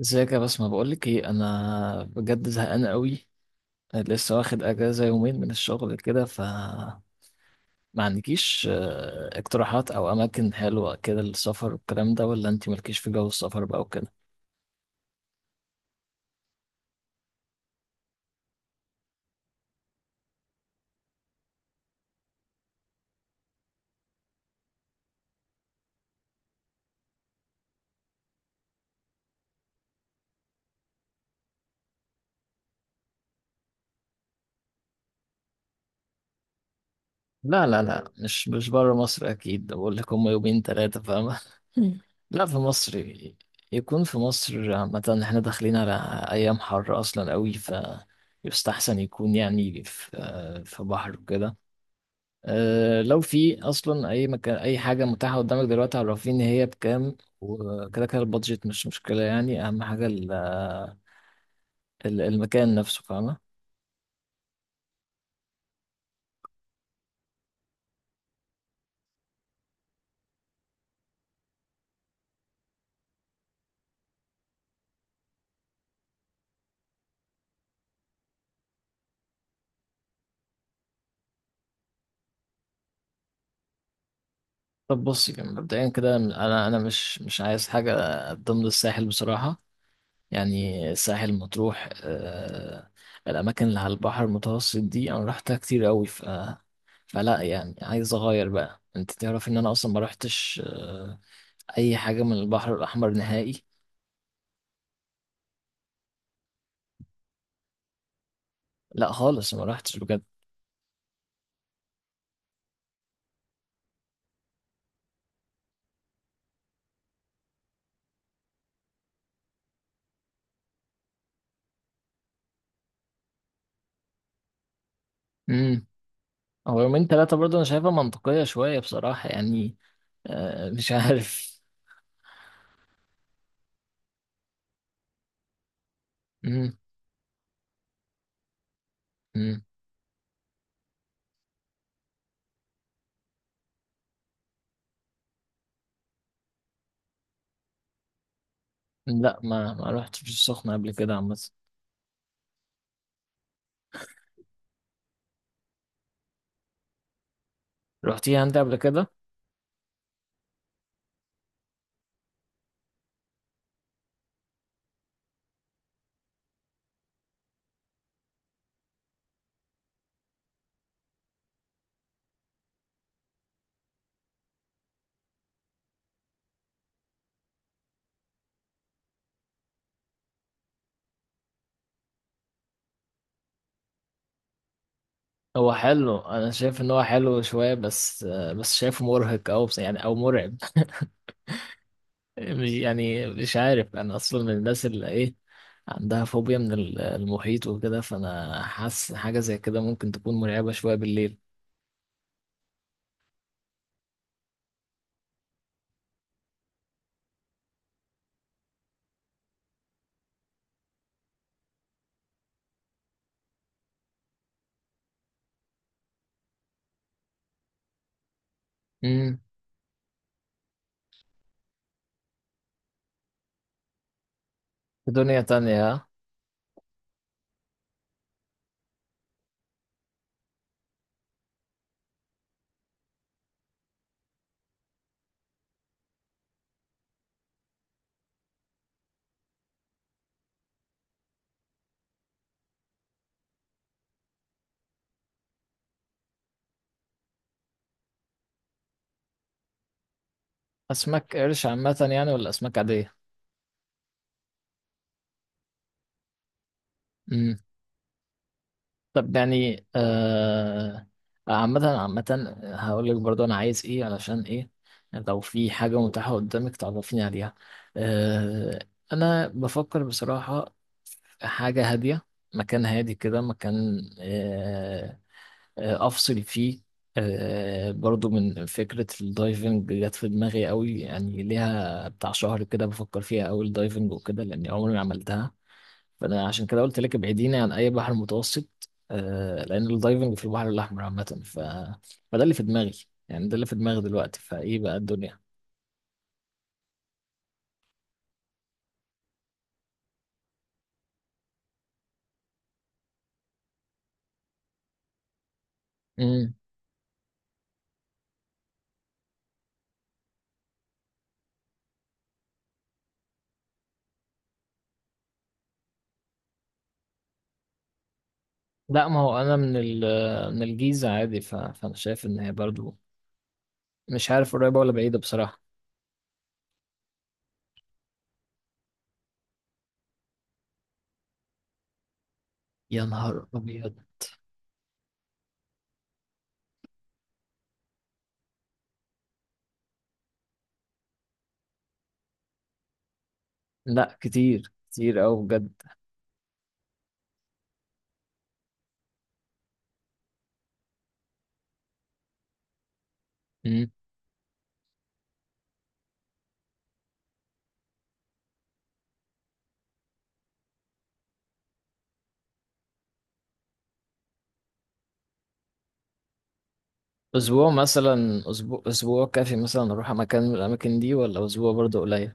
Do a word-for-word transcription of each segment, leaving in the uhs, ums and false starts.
ازيك يا بسمة، بقولك ايه؟ انا بجد زهقان قوي. لسه واخد اجازة يومين من الشغل كده، ف ما عندكيش آه، اقتراحات او اماكن حلوة كده للسفر والكلام ده؟ ولا انتي مالكيش في جو السفر بقى وكده؟ لا، لا، لا، مش مش بره مصر اكيد. بقول لك، هم يومين ثلاثة فاهمة؟ مم. لا، في مصر. يكون في مصر. عامة احنا داخلين على ايام حر اصلا قوي، ف يستحسن يكون يعني في آه، في بحر وكده. أه لو في اصلا اي مكان اي حاجه متاحه قدامك دلوقتي، عرفيني هي بكام وكده كده. البادجت مش مشكله يعني، اهم حاجه ال- ال- المكان نفسه فاهمه. طب بصي، يعني مبدئيا كده انا انا مش مش عايز حاجه ضمن الساحل بصراحه. يعني الساحل مطروح، أه الاماكن اللي على البحر المتوسط دي انا رحتها كتير قوي، ف فلا يعني، عايز اغير بقى. انت تعرف ان انا اصلا ما رحتش أه اي حاجه من البحر الاحمر نهائي. لا، خالص ما رحتش بجد. امم. هو يومين ثلاثة برضه، أنا شايفها منطقية شوية بصراحة يعني. آه مش عارف. امم. امم. لا، ما ما رحتش السخنة قبل كده عامة. رحتيها أنت قبل كده؟ هو حلو، أنا شايف إن هو حلو شوية بس، آه بس شايفه مرهق، أو بس يعني، أو مرعب. مش يعني، مش عارف. أنا أصلا من الناس اللي إيه، عندها فوبيا من ال- المحيط وكده، فأنا حاسس حاجة زي كده ممكن تكون مرعبة شوية بالليل. امم. في دنيا تانية ها؟ أسماك قرش عامة يعني؟ ولا أسماك عادية؟ مم. طب يعني، آه عامة عامة هقول لك برضو أنا عايز إيه، علشان إيه لو في حاجة متاحة قدامك تعرفيني عليها. آه أنا بفكر بصراحة في حاجة هادية، مكان هادي كده، مكان آه آه أفصل فيه. آه برضو من فكرة الدايفنج جت في دماغي قوي يعني، ليها بتاع شهر كده بفكر فيها أوي الدايفنج وكده، لأني عمري ما عملتها. فانا عشان كده قلت لك ابعديني عن اي بحر متوسط. آه لان الدايفنج في البحر الاحمر عامه ف... فده اللي في دماغي. يعني ده اللي في دماغي دلوقتي. فايه بقى الدنيا؟ امم. لا، ما هو انا من ال... من الجيزه عادي، ف... فانا شايف ان هي برضو مش عارف قريبه ولا بعيده بصراحه. يا نهار ابيض! لا، كتير كتير قوي بجد. امم. اسبوع مثلا، اسبوع اسبوع كافي مثلا اروح مكان من الاماكن دي؟ ولا اسبوع برضو قليل؟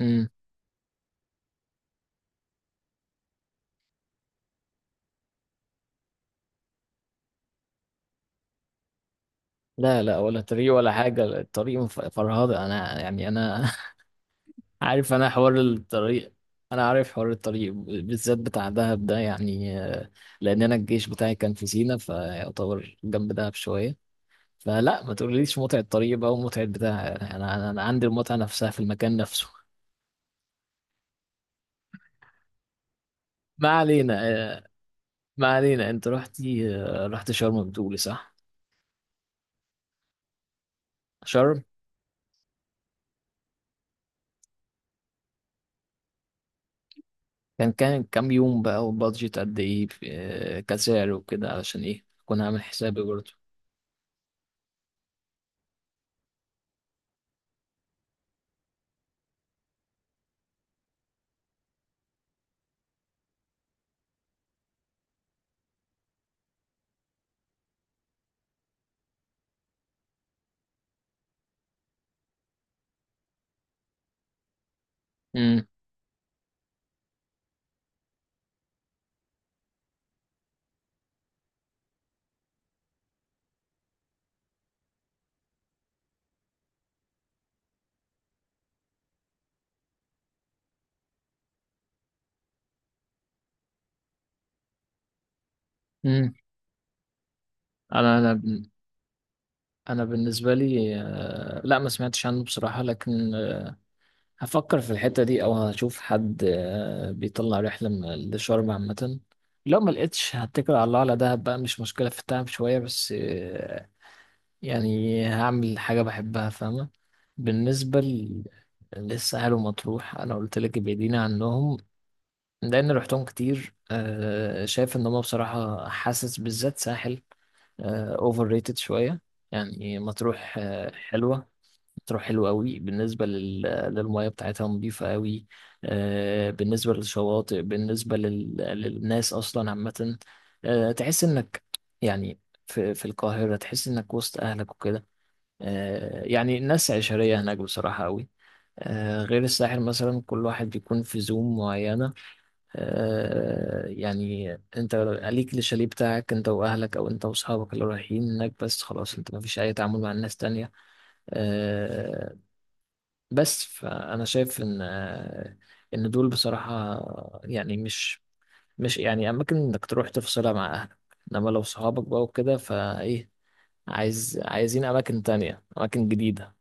امم. لا، لا، ولا طريق ولا حاجة. الطريق مف- فرهدة. أنا، يعني، أنا عارف انا حوار الطريق. انا عارف حوار الطريق، بالذات بتاع دهب ده يعني، آه، لان انا الجيش بتاعي كان في سينا، فيعتبر جنب دهب شويه. فلا، ما تقوليش متعه طريق بقى ومتعه بتاع. انا انا أنا عندي المتعه نفسها في المكان نفسه. ما علينا، آه، ما علينا، انت رحتي، آه، رحت شرم بتقولي، صح؟ شرم. كان كان كام يوم بقى؟ وبادجت قد ايه آه، كسعر وكده علشان ايه اكون عامل حسابي برضه. امم. أمم. انا انا انا بالنسبه لي، آه، لا، ما سمعتش عنه بصراحه، لكن آه، هفكر في الحته دي، او هشوف حد آه، بيطلع رحله من- لشرم عامه. لو ما لقيتش، هتكل على الله على دهب بقى، مش مشكله في التعب شويه، بس آه، يعني هعمل حاجه بحبها فاهمه. بالنسبه ل- للساحل ومطروح، انا قلت لك ابعدينا عنهم لان رحتهم كتير. آه، شايف ان هم بصراحه، حاسس بالذات ساحل اوفر ريتد شويه. يعني مطروح، آه، حلوة، تروح حلو قوي بالنسبة لل... للمية بتاعتها نظيفة قوي. آه، بالنسبة للشواطئ، بالنسبة لل... للناس أصلا عامة، آه، تحس إنك، يعني، في... في القاهرة تحس إنك وسط أهلك وكده. آه، يعني الناس عشرية هناك بصراحة قوي. آه، غير الساحل مثلا، كل واحد بيكون في زوم معينة. آه، يعني انت ليك الشاليه بتاعك انت واهلك، او انت واصحابك اللي رايحين هناك، بس خلاص، انت ما فيش اي تعامل مع الناس تانية. آه، بس فانا شايف ان، آه، ان دول بصراحه، يعني مش مش يعني اماكن انك تروح تفصلها مع اهلك، انما لو صحابك بقى وكده فايه، عايز عايزين اماكن تانية، اماكن جديده.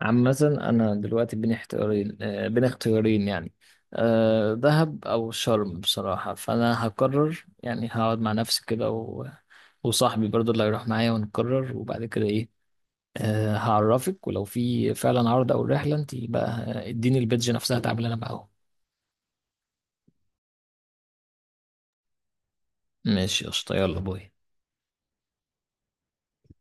عامه، انا دلوقتي بين اختيارين، آه، بين اختيارين يعني، آه، دهب او شرم بصراحه، فانا هقرر يعني. هقعد مع نفسي كده و... وصاحبي برضه اللي هيروح معايا، ونقرر، وبعد كده ايه، آه، هعرفك، ولو في فعلا عرض او رحله انت بقى، اديني البيدج نفسها تعملي انا معاهم. ماشي قشطه، يلا باي.